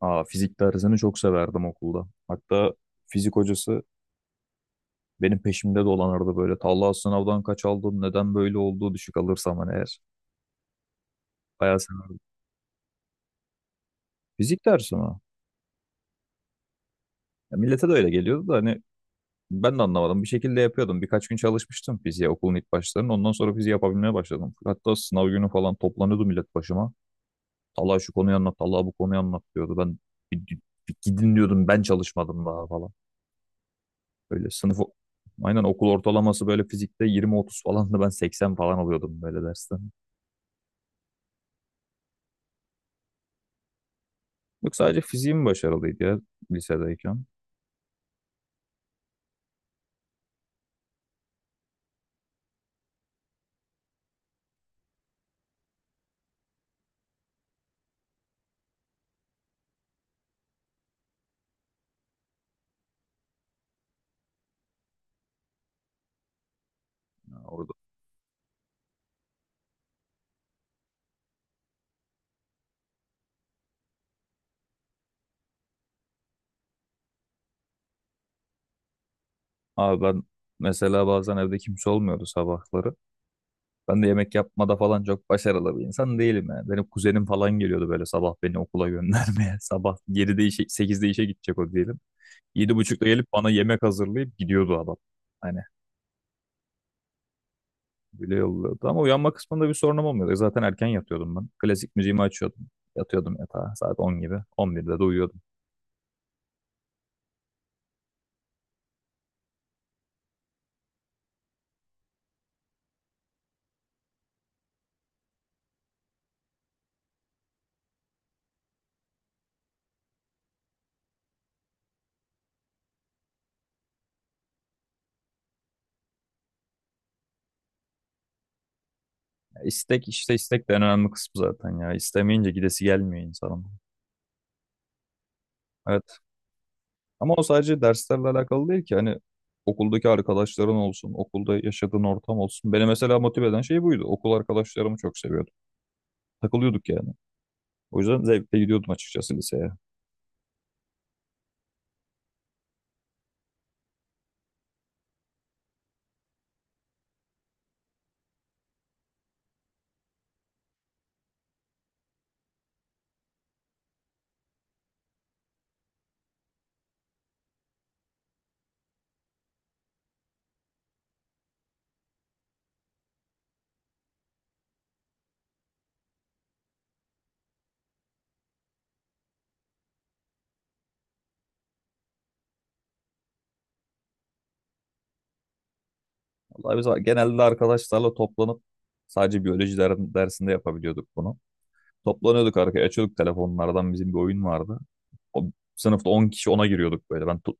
Fizik dersini çok severdim okulda. Hatta fizik hocası benim peşimde dolanırdı böyle. Talha sınavdan kaç aldın, neden böyle oldu düşük alırsam hani eğer. Bayağı severdim. Fizik dersi mi? Ya millete de öyle geliyordu da hani ben de anlamadım. Bir şekilde yapıyordum. Birkaç gün çalışmıştım fiziğe okulun ilk başlarında. Ondan sonra fiziği yapabilmeye başladım. Hatta sınav günü falan toplanıyordu millet başıma. Talha şu konuyu anlat, Talha bu konuyu anlat diyordu. Ben bir, bir gidin diyordum, ben çalışmadım daha falan. Böyle sınıf, aynen, okul ortalaması böyle fizikte 20-30 falan da ben 80 falan alıyordum böyle dersten. Yok, sadece fiziğim başarılıydı ya lisedeyken. Ya orada. Abi ben mesela bazen evde kimse olmuyordu sabahları. Ben de yemek yapmada falan çok başarılı bir insan değilim yani. Benim kuzenim falan geliyordu böyle sabah beni okula göndermeye. Sabah 7'de işe, 8'de işe gidecek o diyelim. Yedi buçukta gelip bana yemek hazırlayıp gidiyordu adam. Hani bile yolluyordu. Ama uyanma kısmında bir sorunum olmuyordu. Zaten erken yatıyordum ben. Klasik müziğimi açıyordum. Yatıyordum yatağa saat 10 gibi. 11'de de uyuyordum. Ya istek, işte istek de en önemli kısmı zaten ya. İstemeyince gidesi gelmiyor insanın. Evet. Ama o sadece derslerle alakalı değil ki. Hani okuldaki arkadaşların olsun, okulda yaşadığın ortam olsun. Beni mesela motive eden şey buydu. Okul arkadaşlarımı çok seviyordum. Takılıyorduk yani. O yüzden zevkle gidiyordum açıkçası liseye. Vallahi biz genelde arkadaşlarla toplanıp sadece biyoloji dersinde yapabiliyorduk bunu. Toplanıyorduk, arkaya açıyorduk telefonlardan, bizim bir oyun vardı. O, sınıfta 10 kişi ona giriyorduk böyle. Ben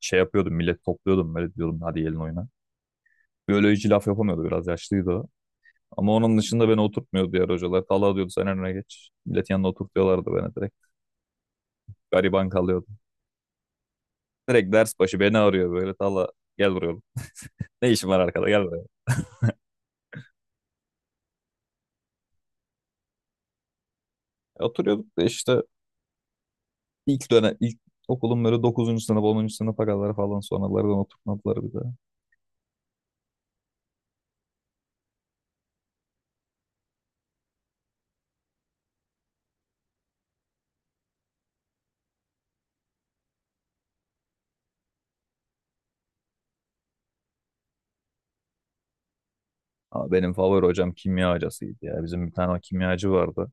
şey yapıyordum, millet topluyordum böyle, diyordum hadi gelin oyuna. Biyoloji laf yapamıyordu, biraz yaşlıydı o. Ama onun dışında beni oturtmuyordu diğer hocalar. Talha diyordu sen önüne geç. Millet yanına oturtuyorlardı beni direkt. Gariban kalıyordu. Direkt ders başı beni arıyor böyle. Talha, gel buraya oğlum. Ne işin var arkada, gel buraya. Oturuyorduk da işte ilk dönem, ilk okulun böyle dokuzuncu sınıf, 10. sınıfa kadar falan, sonralardan oturtmadılar bize. Ama benim favori hocam kimya hocasıydı ya. Bizim bir tane kimyacı vardı.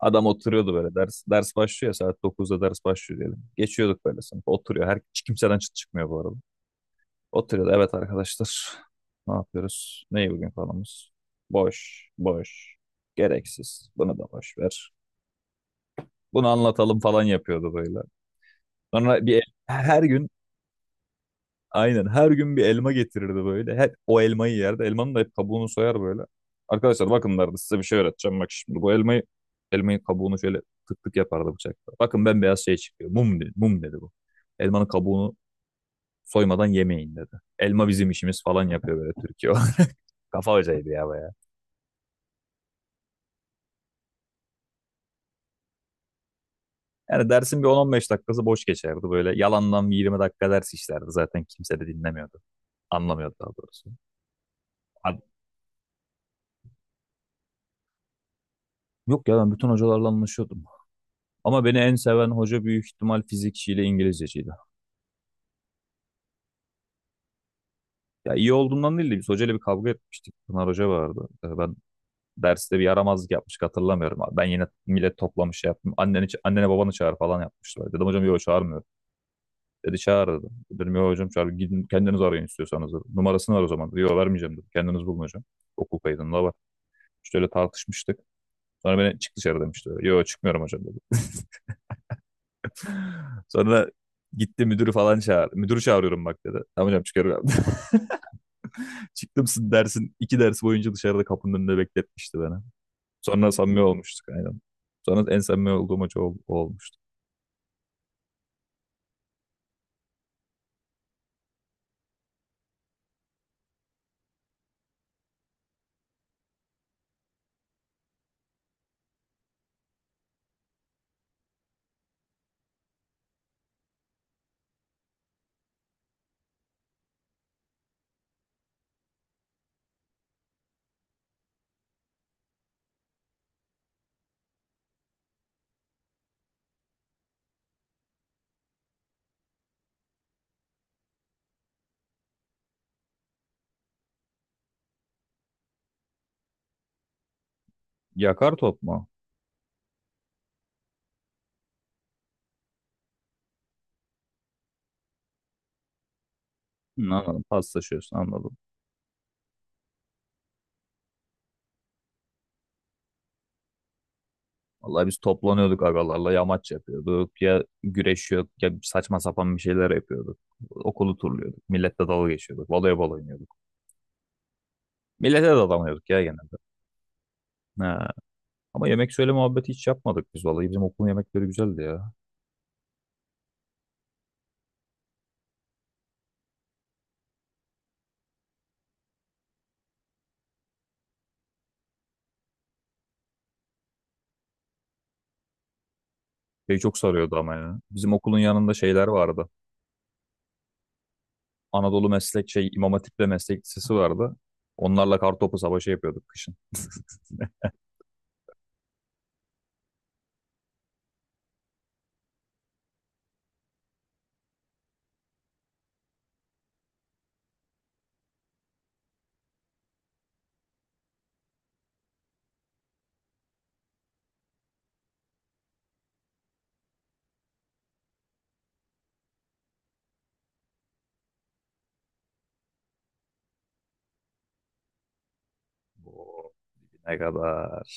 Adam oturuyordu böyle. Ders ders başlıyor ya, saat dokuzda ders başlıyor diyelim. Geçiyorduk böyle sınıf. Oturuyor. Her, hiç kimseden çıt çıkmıyor bu arada. Oturuyordu. Evet arkadaşlar. Ne yapıyoruz? Neyi, bugün konumuz? Boş. Boş. Gereksiz. Bunu da boş ver. Bunu anlatalım falan yapıyordu böyle. Sonra her gün, aynen her gün bir elma getirirdi böyle. Hep o elmayı yerdi. Elmanın da hep kabuğunu soyar böyle. Arkadaşlar bakın derdi, size bir şey öğreteceğim. Bak şimdi bu elmayı, elmayın kabuğunu şöyle tık tık yapardı bıçakla. Bakın bembeyaz şey çıkıyor. Mum dedi. Mum dedi bu. Elmanın kabuğunu soymadan yemeyin dedi. Elma bizim işimiz falan yapıyor böyle Türkiye. Kafa hocaydı ya baya. Yani dersin bir 10-15 dakikası boş geçerdi böyle. Yalandan bir 20 dakika ders işlerdi. Zaten kimse de dinlemiyordu. Anlamıyordu daha doğrusu. Abi, yok ya, ben bütün hocalarla anlaşıyordum. Ama beni en seven hoca büyük ihtimal fizikçiyle İngilizceciydi. Ya iyi olduğumdan değil de biz hocayla bir kavga etmiştik. Pınar Hoca vardı. Ben derste bir yaramazlık yapmıştık, hatırlamıyorum. Ben yine millet toplamış şey yaptım. Anneni, annene babanı çağır falan yapmışlar. Dedim hocam yok çağırmıyor. Dedi çağır dedi. Dedim yok hocam, çağır. Gidin kendiniz arayın istiyorsanız, dedi. Numarasını var o zaman, dedi. Yok vermeyeceğim dedi. Kendiniz bulun hocam. Okul kaydında var. İşte öyle tartışmıştık. Sonra beni çık dışarı demişti. Yok çıkmıyorum hocam dedi. Sonra gitti, müdürü falan çağır. Müdürü çağırıyorum bak dedi. Tamam hocam çıkıyorum. Çıktımsın dersin, iki ders boyunca dışarıda kapının önünde bekletmişti beni. Sonra samimi olmuştuk aynen. Sonra en samimi olduğum hoca o olmuştu. Yakar top mu? Hı, anladım. Paslaşıyorsun, anladım. Vallahi biz toplanıyorduk agalarla. Yamaç yapıyorduk. Ya güreşiyorduk. Ya saçma sapan bir şeyler yapıyorduk. Okulu turluyorduk. Milletle dalga geçiyorduk. Voleybol oynuyorduk. Millete de dalamıyorduk ya genelde. Ha. Ama yemek söyle muhabbeti hiç yapmadık biz vallahi. Bizim okulun yemekleri güzeldi ya. Şey çok sarıyordu ama ya. Bizim okulun yanında şeyler vardı. Anadolu Meslek şey, İmam Hatip ve Meslek Lisesi vardı. Onlarla kartopu savaşı yapıyorduk kışın. Oo, ne kadar.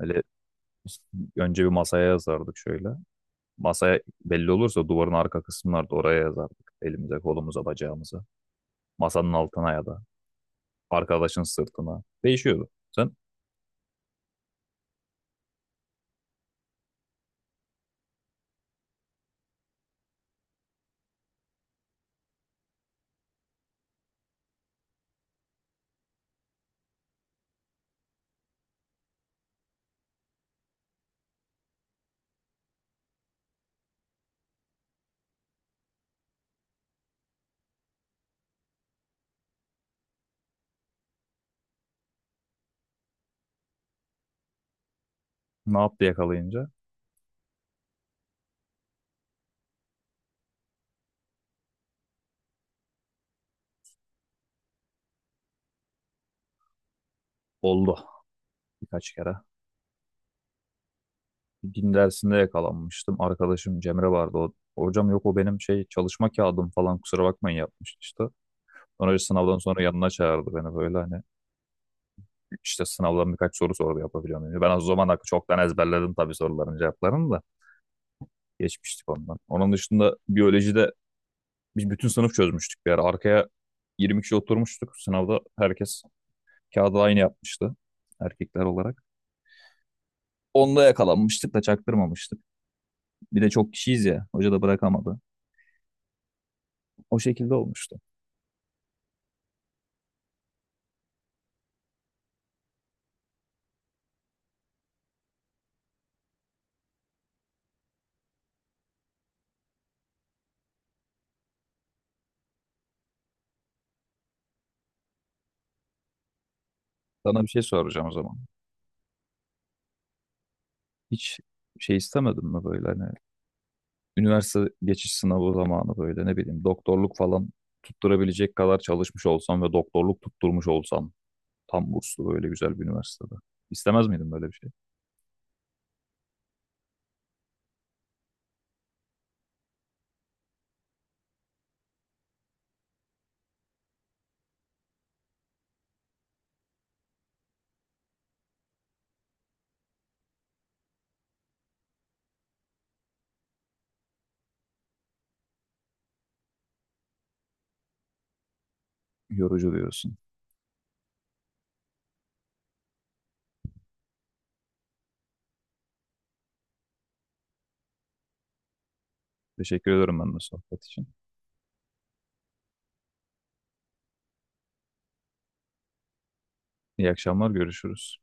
Böyle önce bir masaya yazardık şöyle. Masaya belli olursa duvarın arka kısımlarda oraya yazardık. Elimize, kolumuza, bacağımıza. Masanın altına ya da arkadaşın sırtına. Değişiyordu. Sen ne yaptı yakalayınca? Oldu, birkaç kere. Din dersinde yakalanmıştım. Arkadaşım Cemre vardı. O, hocam yok o benim şey çalışma kağıdım falan kusura bakmayın yapmıştı işte. Sonra bir sınavdan sonra yanına çağırdı beni böyle, hani işte sınavdan birkaç soru sordu yapabiliyor muyum? Ben o zaman hakkı çoktan ezberledim tabii soruların cevaplarını da, geçmiştik ondan. Onun dışında biyolojide biz bütün sınıf çözmüştük bir ara. Arkaya 20 kişi oturmuştuk. Sınavda herkes kağıdı aynı yapmıştı erkekler olarak. Onda yakalanmıştık da çaktırmamıştık. Bir de çok kişiyiz ya. Hoca da bırakamadı. O şekilde olmuştu. Sana bir şey soracağım o zaman. Hiç şey istemedin mi böyle, hani üniversite geçiş sınavı zamanı böyle, ne bileyim doktorluk falan tutturabilecek kadar çalışmış olsam ve doktorluk tutturmuş olsam tam burslu böyle güzel bir üniversitede. İstemez miydin böyle bir şey? Yorucu diyorsun. Teşekkür ederim ben de sohbet için. İyi akşamlar, görüşürüz.